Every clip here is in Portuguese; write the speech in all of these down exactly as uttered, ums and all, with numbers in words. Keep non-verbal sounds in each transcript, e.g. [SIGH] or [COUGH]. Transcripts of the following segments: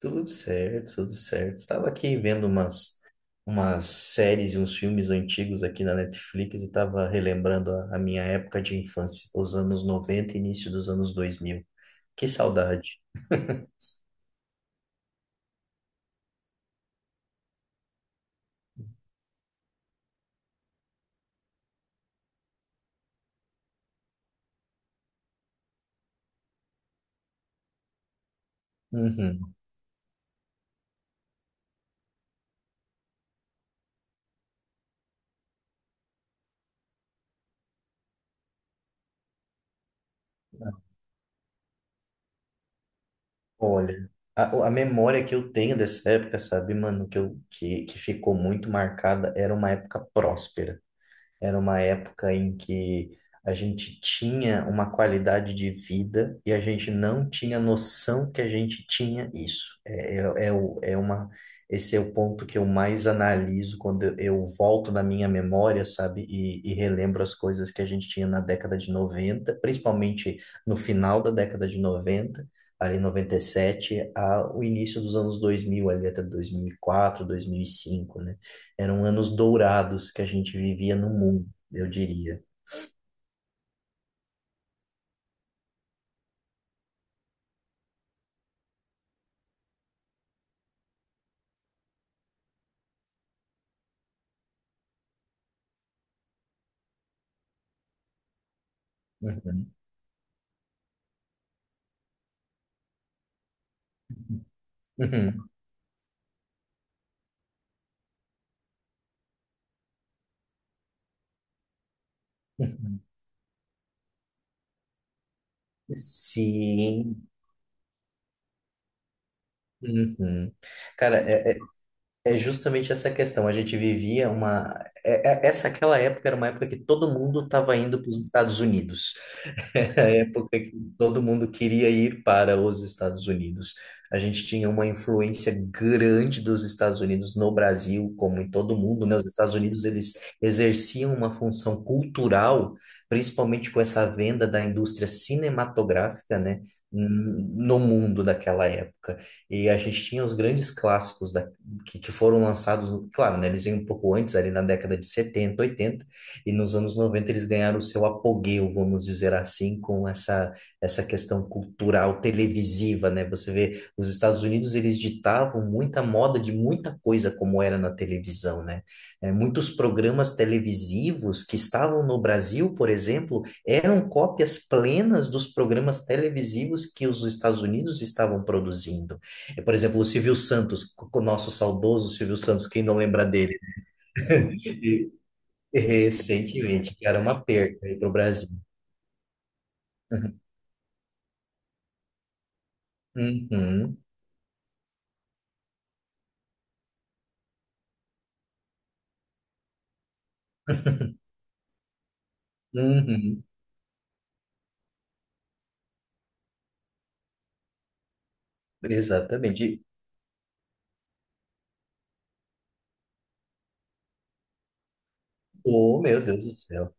Tudo certo, tudo certo. Estava aqui vendo umas, umas séries e uns filmes antigos aqui na Netflix e estava relembrando a, a minha época de infância, os anos noventa e início dos anos dois mil. Que saudade. Uhum. Olha, a, a memória que eu tenho dessa época, sabe, mano, que, eu, que, que ficou muito marcada, era uma época próspera. Era uma época em que a gente tinha uma qualidade de vida e a gente não tinha noção que a gente tinha isso. É, é, é, o- é uma, esse é o ponto que eu mais analiso quando eu, eu volto na minha memória, sabe, e, e relembro as coisas que a gente tinha na década de noventa, principalmente no final da década de noventa, ali noventa em noventa e sete, ao início dos anos dois mil ali até dois mil e quatro, dois mil e cinco, eram anos dourados que a gente vivia no mundo, eu diria. [LAUGHS] Uhum, uhum. Sim. Uhum. Cara, é, é é justamente essa questão. A gente vivia uma. É- é- Essa aquela época era uma época que todo mundo estava indo para os Estados Unidos. [LAUGHS] Era a época que todo mundo queria ir para os Estados Unidos. A gente tinha uma influência grande dos Estados Unidos no Brasil, como em todo mundo, né? Os Estados Unidos, eles exerciam uma função cultural, principalmente com essa venda da indústria cinematográfica, né? n- No mundo daquela época. E a gente tinha os grandes clássicos da, que, que foram lançados, claro, né? Eles vêm um pouco antes, ali na década de setenta, e nos anos noventa eles ganharam o seu apogeu, vamos dizer assim, com essa, essa questão cultural televisiva, né? Você vê, os Estados Unidos eles ditavam muita moda de muita coisa como era na televisão, né? É, muitos programas televisivos que estavam no Brasil, por exemplo, eram cópias plenas dos programas televisivos que os Estados Unidos estavam produzindo. É, por exemplo, o Silvio Santos, o nosso saudoso Silvio Santos, quem não lembra dele? [LAUGHS] [LAUGHS] Recentemente, que era uma perca aí pro Brasil. [LAUGHS] Uhum, uhum, exatamente. Oh, meu Deus do céu.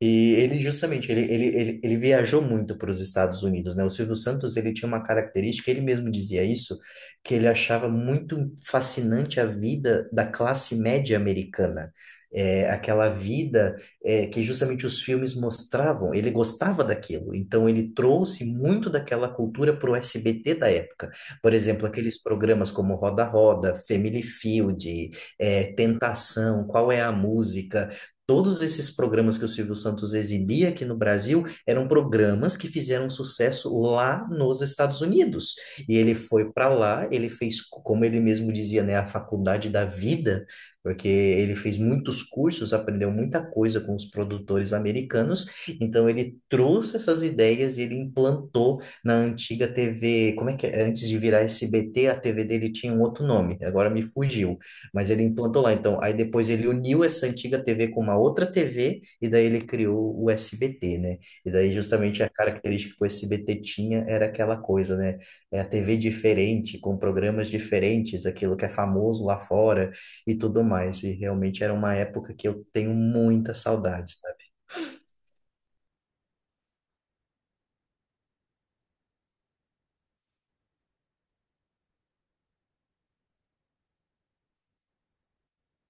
E ele justamente, ele, ele, ele, ele viajou muito para os Estados Unidos, né? O Silvio Santos, ele tinha uma característica, ele mesmo dizia isso, que ele achava muito fascinante a vida da classe média americana. É, aquela vida é, que justamente os filmes mostravam, ele gostava daquilo, então ele trouxe muito daquela cultura para o S B T da época. Por exemplo, aqueles programas como Roda Roda, Family Field, é, Tentação, Qual é a Música, todos esses programas que o Silvio Santos exibia aqui no Brasil eram programas que fizeram sucesso lá nos Estados Unidos. E ele foi para lá, ele fez, como ele mesmo dizia, né, a faculdade da vida, porque ele fez muitos cursos, aprendeu muita coisa com os produtores americanos. Então ele trouxe essas ideias e ele implantou na antiga T V, como é que é? Antes de virar S B T, a T V dele tinha um outro nome, agora me fugiu. Mas ele implantou lá, então. Aí depois ele uniu essa antiga T V com uma outra T V e daí ele criou o S B T, né? E daí justamente a característica que o S B T tinha era aquela coisa, né? É a T V diferente, com programas diferentes, aquilo que é famoso lá fora e tudo mais. E realmente era uma época que eu tenho muita saudade, sabe?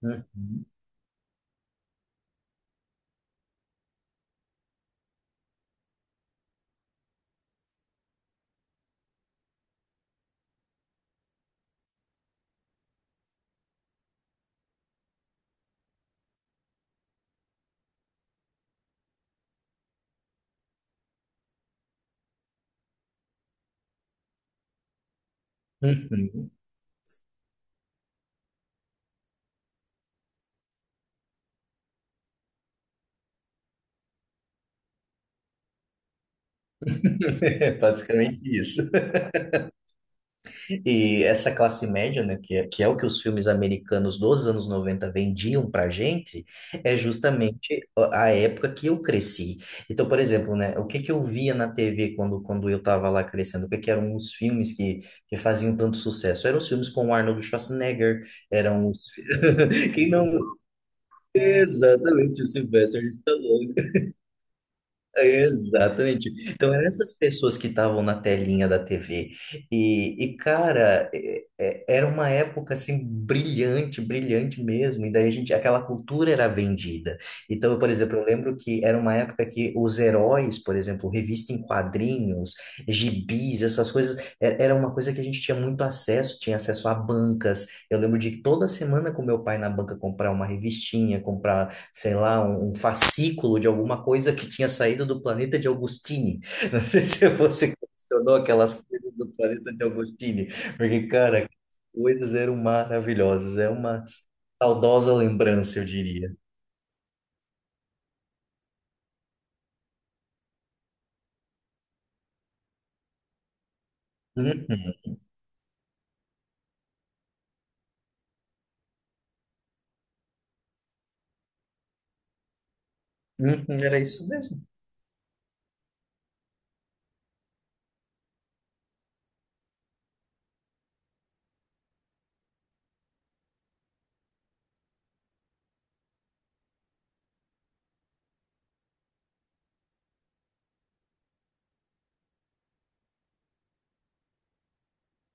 Uhum, uhum. [LAUGHS] É basicamente isso. E essa classe média, né, que é, que é o que os filmes americanos dos anos noventa vendiam pra gente, é justamente a a época que eu cresci. Então, por exemplo, né, o que que eu via na T V quando, quando, eu tava lá crescendo? O que que eram os filmes que, que faziam tanto sucesso? Eram os filmes com o Arnold Schwarzenegger, eram os... [LAUGHS] Quem não... Exatamente, o Sylvester Stallone. Exatamente. Então, eram essas pessoas que estavam na telinha da T V. E, e cara, é- é- era uma época assim brilhante, brilhante mesmo. E daí a gente, aquela cultura era vendida. Então, por exemplo, eu lembro que era uma época que os heróis, por exemplo, revista em quadrinhos, gibis, essas coisas, é- era uma coisa que a gente tinha muito acesso, tinha acesso a bancas. Eu lembro de toda semana com meu pai na banca comprar uma revistinha, comprar sei lá, um um fascículo de alguma coisa que tinha saído do planeta de Augustine. Não sei [LAUGHS] se você colecionou aquelas coisas do planeta de Augustine, porque, cara, aquelas coisas eram maravilhosas. É uma saudosa lembrança, eu diria. Uhum, uhum, era isso mesmo.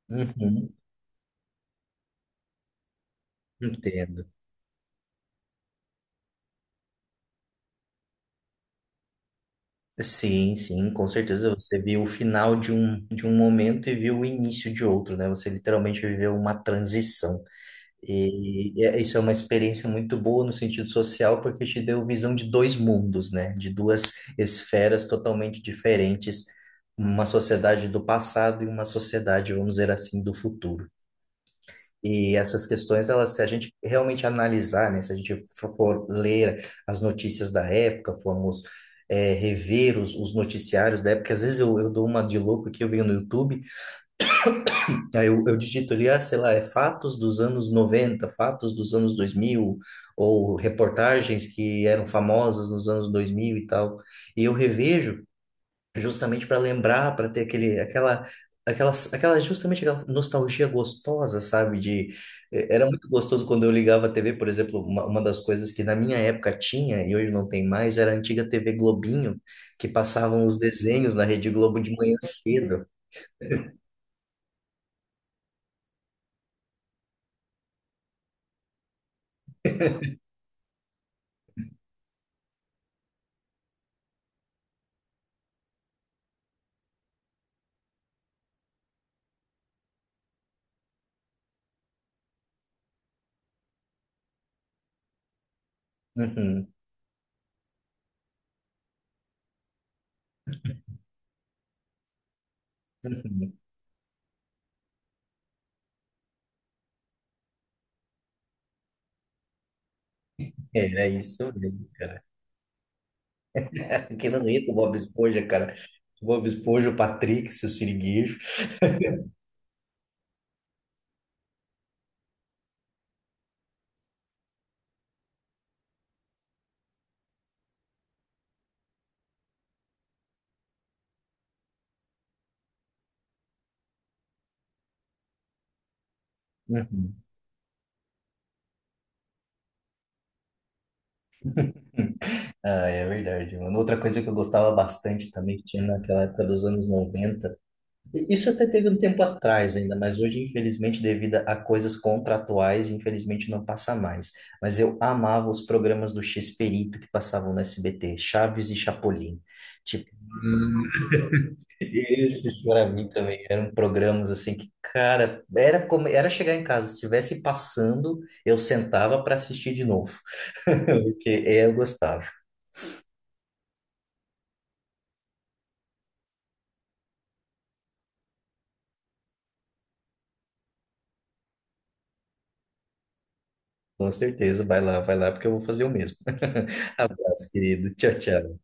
Uhum, entendo. Sim, sim, com certeza você viu o final de um, de um momento e viu o início de outro, né? Você literalmente viveu uma transição. E é- isso é uma experiência muito boa no sentido social, porque te deu visão de dois mundos, né? De duas esferas totalmente diferentes, uma sociedade do passado e uma sociedade, vamos dizer assim, do futuro. E essas questões, elas, se a gente realmente analisar, né? Se a gente for for ler as notícias da época, formos eh, rever os, os noticiários da época, às vezes eu, eu dou uma de louco que eu venho no YouTube. Aí eu, eu digito ali, ah, sei lá, é fatos dos anos noventa, fatos dos anos dois mil, ou reportagens que eram famosas nos anos dois mil e tal. E eu revejo justamente para lembrar, para ter aquele, aquela, aquela, aquela, justamente aquela nostalgia gostosa, sabe? De, eh, era muito gostoso quando eu ligava a T V, por exemplo, uma, uma das coisas que na minha época tinha, e hoje não tem mais, era a antiga T V Globinho, que passavam os desenhos na Rede Globo de manhã cedo. Uhum, uhum. Era isso mesmo, cara. [LAUGHS] Aquilo não ia com o Bob Esponja, cara. O Bob Esponja, o Patrick, seu siriguejo. Uhum. Ah, é verdade, mano. Outra coisa que eu gostava bastante também, que tinha naquela época dos anos noventa. E isso até teve um tempo atrás ainda, mas hoje, infelizmente, devido a coisas contratuais, infelizmente não passa mais. Mas eu amava os programas do x que passavam no S B T, Chaves e Chapolin. Tipo, esses para mim também eram programas assim que, cara, era como era chegar em casa, se estivesse passando, eu sentava para assistir de novo. [LAUGHS] Porque eu gostava. Com certeza, vai lá, vai lá porque eu vou fazer o mesmo. [LAUGHS] Abraço, querido. Tchau, tchau.